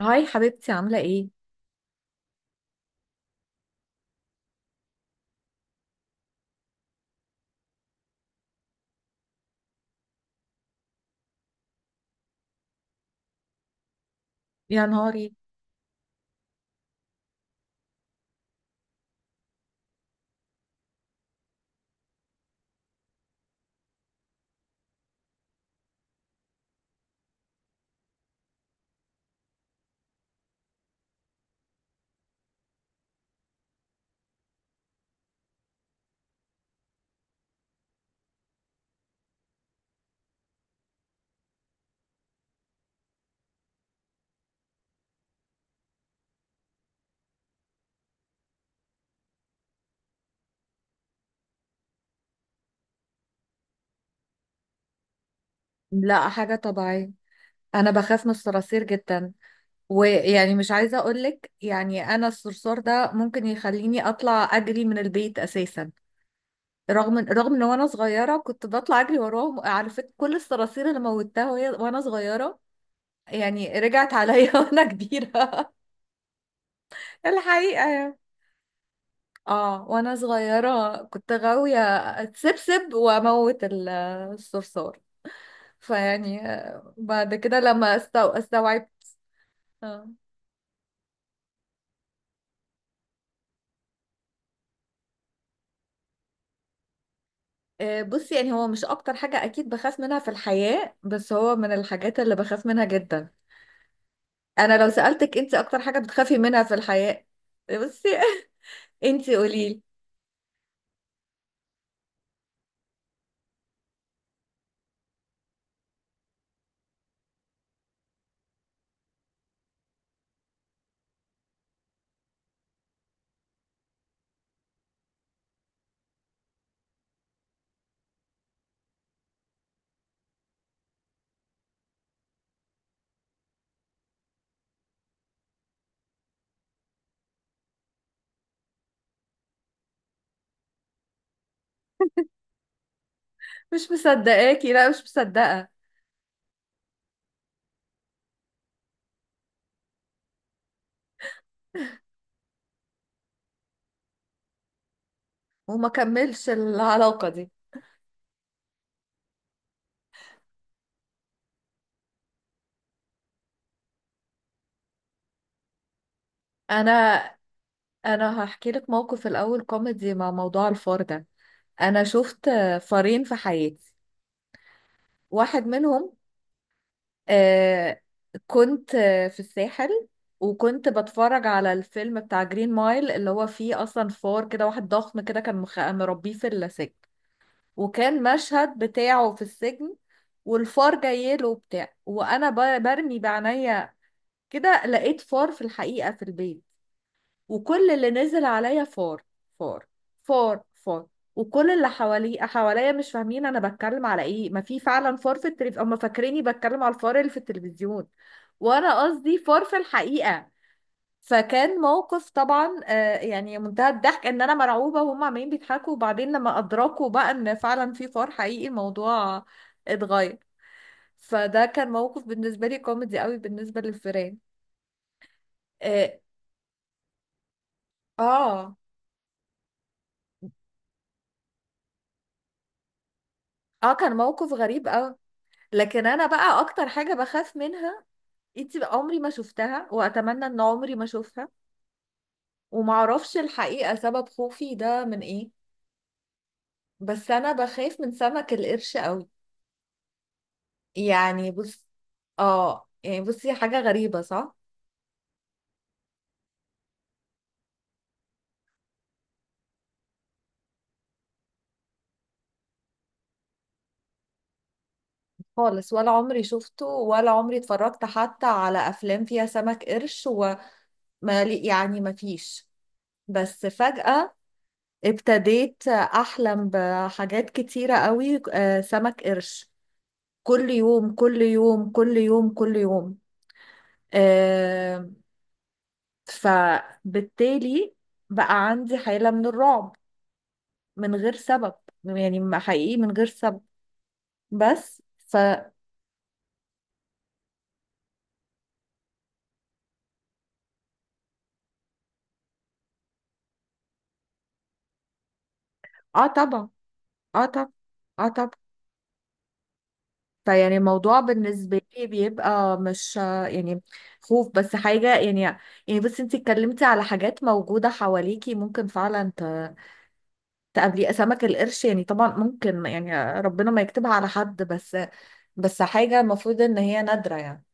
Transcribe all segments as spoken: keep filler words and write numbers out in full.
هاي حبيبتي، عاملة ايه؟ يا نهاري! لا، حاجة طبيعية. أنا بخاف من الصراصير جدا، ويعني مش عايزة أقولك، يعني أنا الصرصار ده ممكن يخليني أطلع أجري من البيت أساسا. رغم رغم إن وأنا صغيرة كنت بطلع أجري وراهم، على فكرة كل الصراصير اللي موتها وهي وأنا صغيرة، يعني رجعت عليا وأنا كبيرة. الحقيقة، يعني اه، وأنا صغيرة كنت غاوية أتسبسب وأموت ال- الصرصار. فيعني آه، بعد كده لما استو... استوعبت. اه، آه، بصي، يعني هو مش اكتر حاجة اكيد بخاف منها في الحياة، بس هو من الحاجات اللي بخاف منها جدا. انا لو سألتك، انت اكتر حاجة بتخافي منها في الحياة؟ بصي انت قوليلي. مش مصدقاكي، لا مش مصدقة. وما كملش العلاقة دي. انا انا هحكي لك موقف الاول كوميدي مع موضوع الفار ده. انا شفت آه، فارين في حياتي، واحد منهم. آه كنت آه، في الساحل، وكنت بتفرج على الفيلم بتاع جرين مايل، اللي هو فيه اصلا فار كده واحد ضخم كده، كان مخ... مربيه في السجن، وكان مشهد بتاعه في السجن، والفار جاي له وبتاع، وانا ب... برمي بعينيا كده لقيت فار في الحقيقة في البيت، وكل اللي نزل عليا فار، فار، فار، فار. وكل اللي حوالي حواليا مش فاهمين انا بتكلم على ايه، ما في فعلا فار في التلفزيون، هم فاكريني بتكلم على الفار اللي في التلفزيون، وانا قصدي فار في الحقيقة. فكان موقف طبعا آه، يعني منتهى الضحك، ان انا مرعوبة وهم عمالين بيضحكوا، وبعدين لما ادركوا بقى ان فعلا في فار حقيقي، الموضوع اتغير. فده كان موقف بالنسبة لي كوميدي قوي بالنسبة للفيران. اه، اه. آه، كان موقف غريب قوي. لكن انا بقى اكتر حاجه بخاف منها، انت بقى، عمري ما شفتها واتمنى ان عمري ما اشوفها، وما اعرفش الحقيقه سبب خوفي ده من ايه، بس انا بخاف من سمك القرش قوي، يعني بص. اه، يعني بصي، حاجه غريبه، صح؟ خالص، ولا عمري شفته، ولا عمري اتفرجت حتى على افلام فيها سمك قرش، وما لي- يعني ما فيش، بس فجأة ابتديت احلم بحاجات كتيره قوي، آه، سمك قرش، كل يوم كل يوم كل يوم كل يوم. آه فبالتالي بقى عندي حالة من الرعب من غير سبب، يعني ما حقيقي من غير سبب، بس ف. اه طبعا. اه طبعا. اه طبعا. فيعني الموضوع بالنسبة لي بيبقى مش آه، يعني خوف، بس حاجة يعني. يعني بس انتي اتكلمتي على حاجات موجودة حواليكي، ممكن فعلا ت- تقابليه سمك القرش، يعني طبعا ممكن، يعني ربنا ما يكتبها على حد، بس بس حاجة المفروض ان هي نادرة يعني،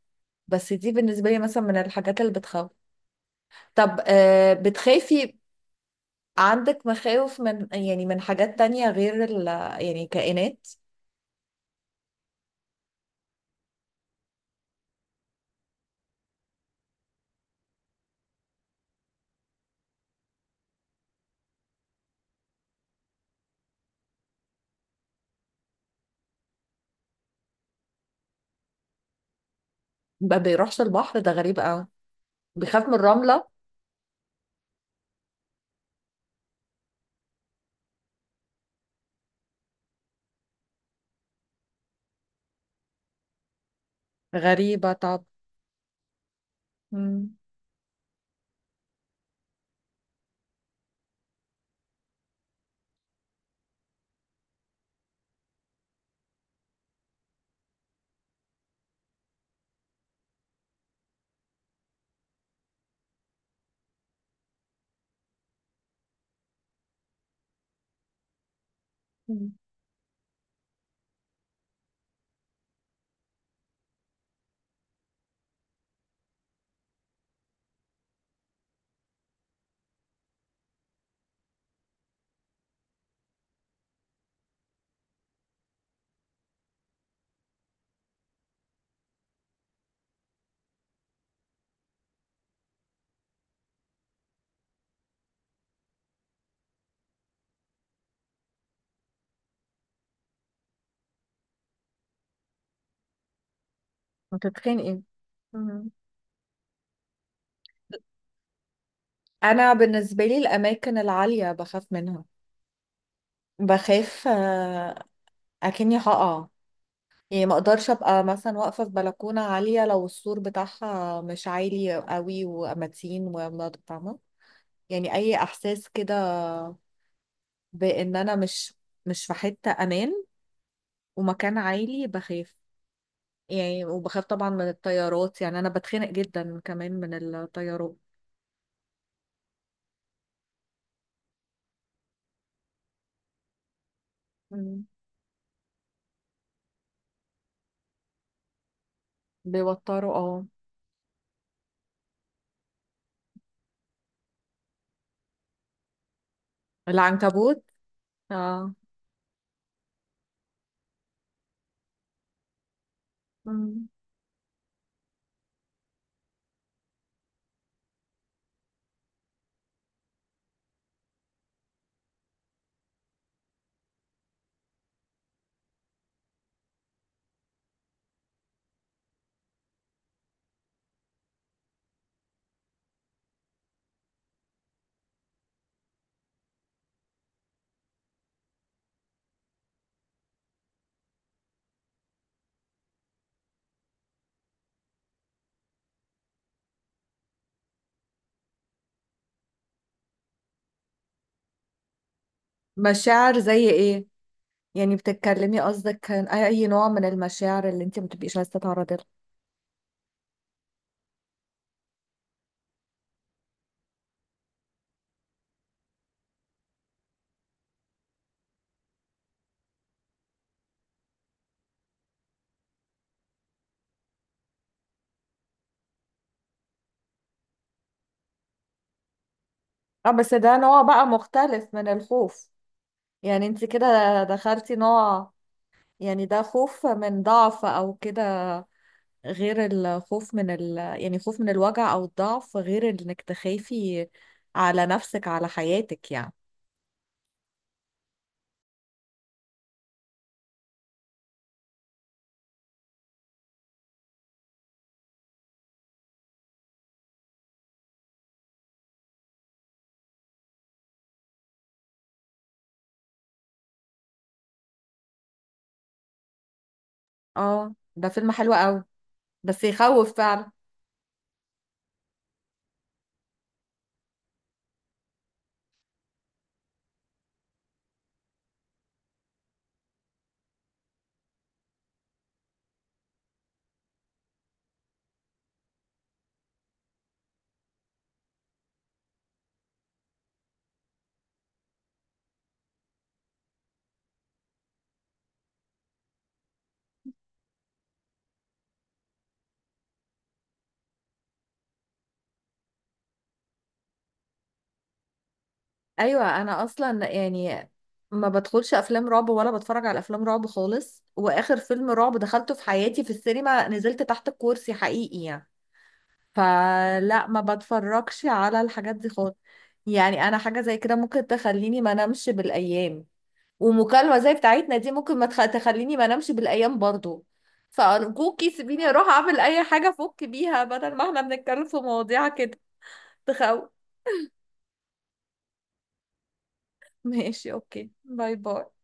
بس دي بالنسبة لي مثلا من الحاجات اللي بتخوف. طب آه بتخافي، عندك مخاوف من، يعني، من حاجات تانية غير ال، يعني كائنات؟ ما بيروحش البحر، ده غريب قوي. بيخاف من الرملة؟ غريبة. طب. مم. مم. هتتخنقي. مم. انا بالنسبة لي الاماكن العالية بخاف منها، بخاف، آه اكني هقع، يعني ما اقدرش ابقى مثلا واقفه في بلكونه عاليه، لو السور بتاعها مش عالي قوي ومتين وما- فاهمه، يعني اي احساس كده بان انا مش مش في حته امان، ومكان عالي بخاف، يعني. وبخاف طبعا من الطيارات، يعني انا بتخنق جدا كمان من الطيارات. مم. بيوتروا، اه. العنكبوت، اه. مم. مشاعر زي ايه؟ يعني بتتكلمي قصدك عن اي نوع من المشاعر اللي انت ما بتبقيش عايزه تتعرضي لها؟ اه، بس ده نوع بقى مختلف من الخوف، يعني انت كده دخلتي نوع، يعني ده خوف من ضعف او كده، غير الخوف من ال، يعني خوف من الوجع او الضعف، غير انك تخافي على نفسك على حياتك يعني. اه، ده فيلم حلو قوي، بس يخوف فعلا. ايوه، انا اصلا يعني ما بدخلش افلام رعب ولا بتفرج على افلام رعب خالص، واخر فيلم رعب دخلته في حياتي في السينما نزلت تحت الكرسي حقيقي يعني. فلا، ما بتفرجش على الحاجات دي خالص. يعني انا حاجه زي كده ممكن تخليني ما انامش بالايام، ومكالمه زي بتاعتنا دي ممكن ما تخ... تخليني ما انامش بالايام برضو. فارجوكي سيبيني اروح اعمل اي حاجه افك بيها، بدل ما احنا بنتكلم في مواضيع كده تخوف. ماشي، اوكي، باي باي.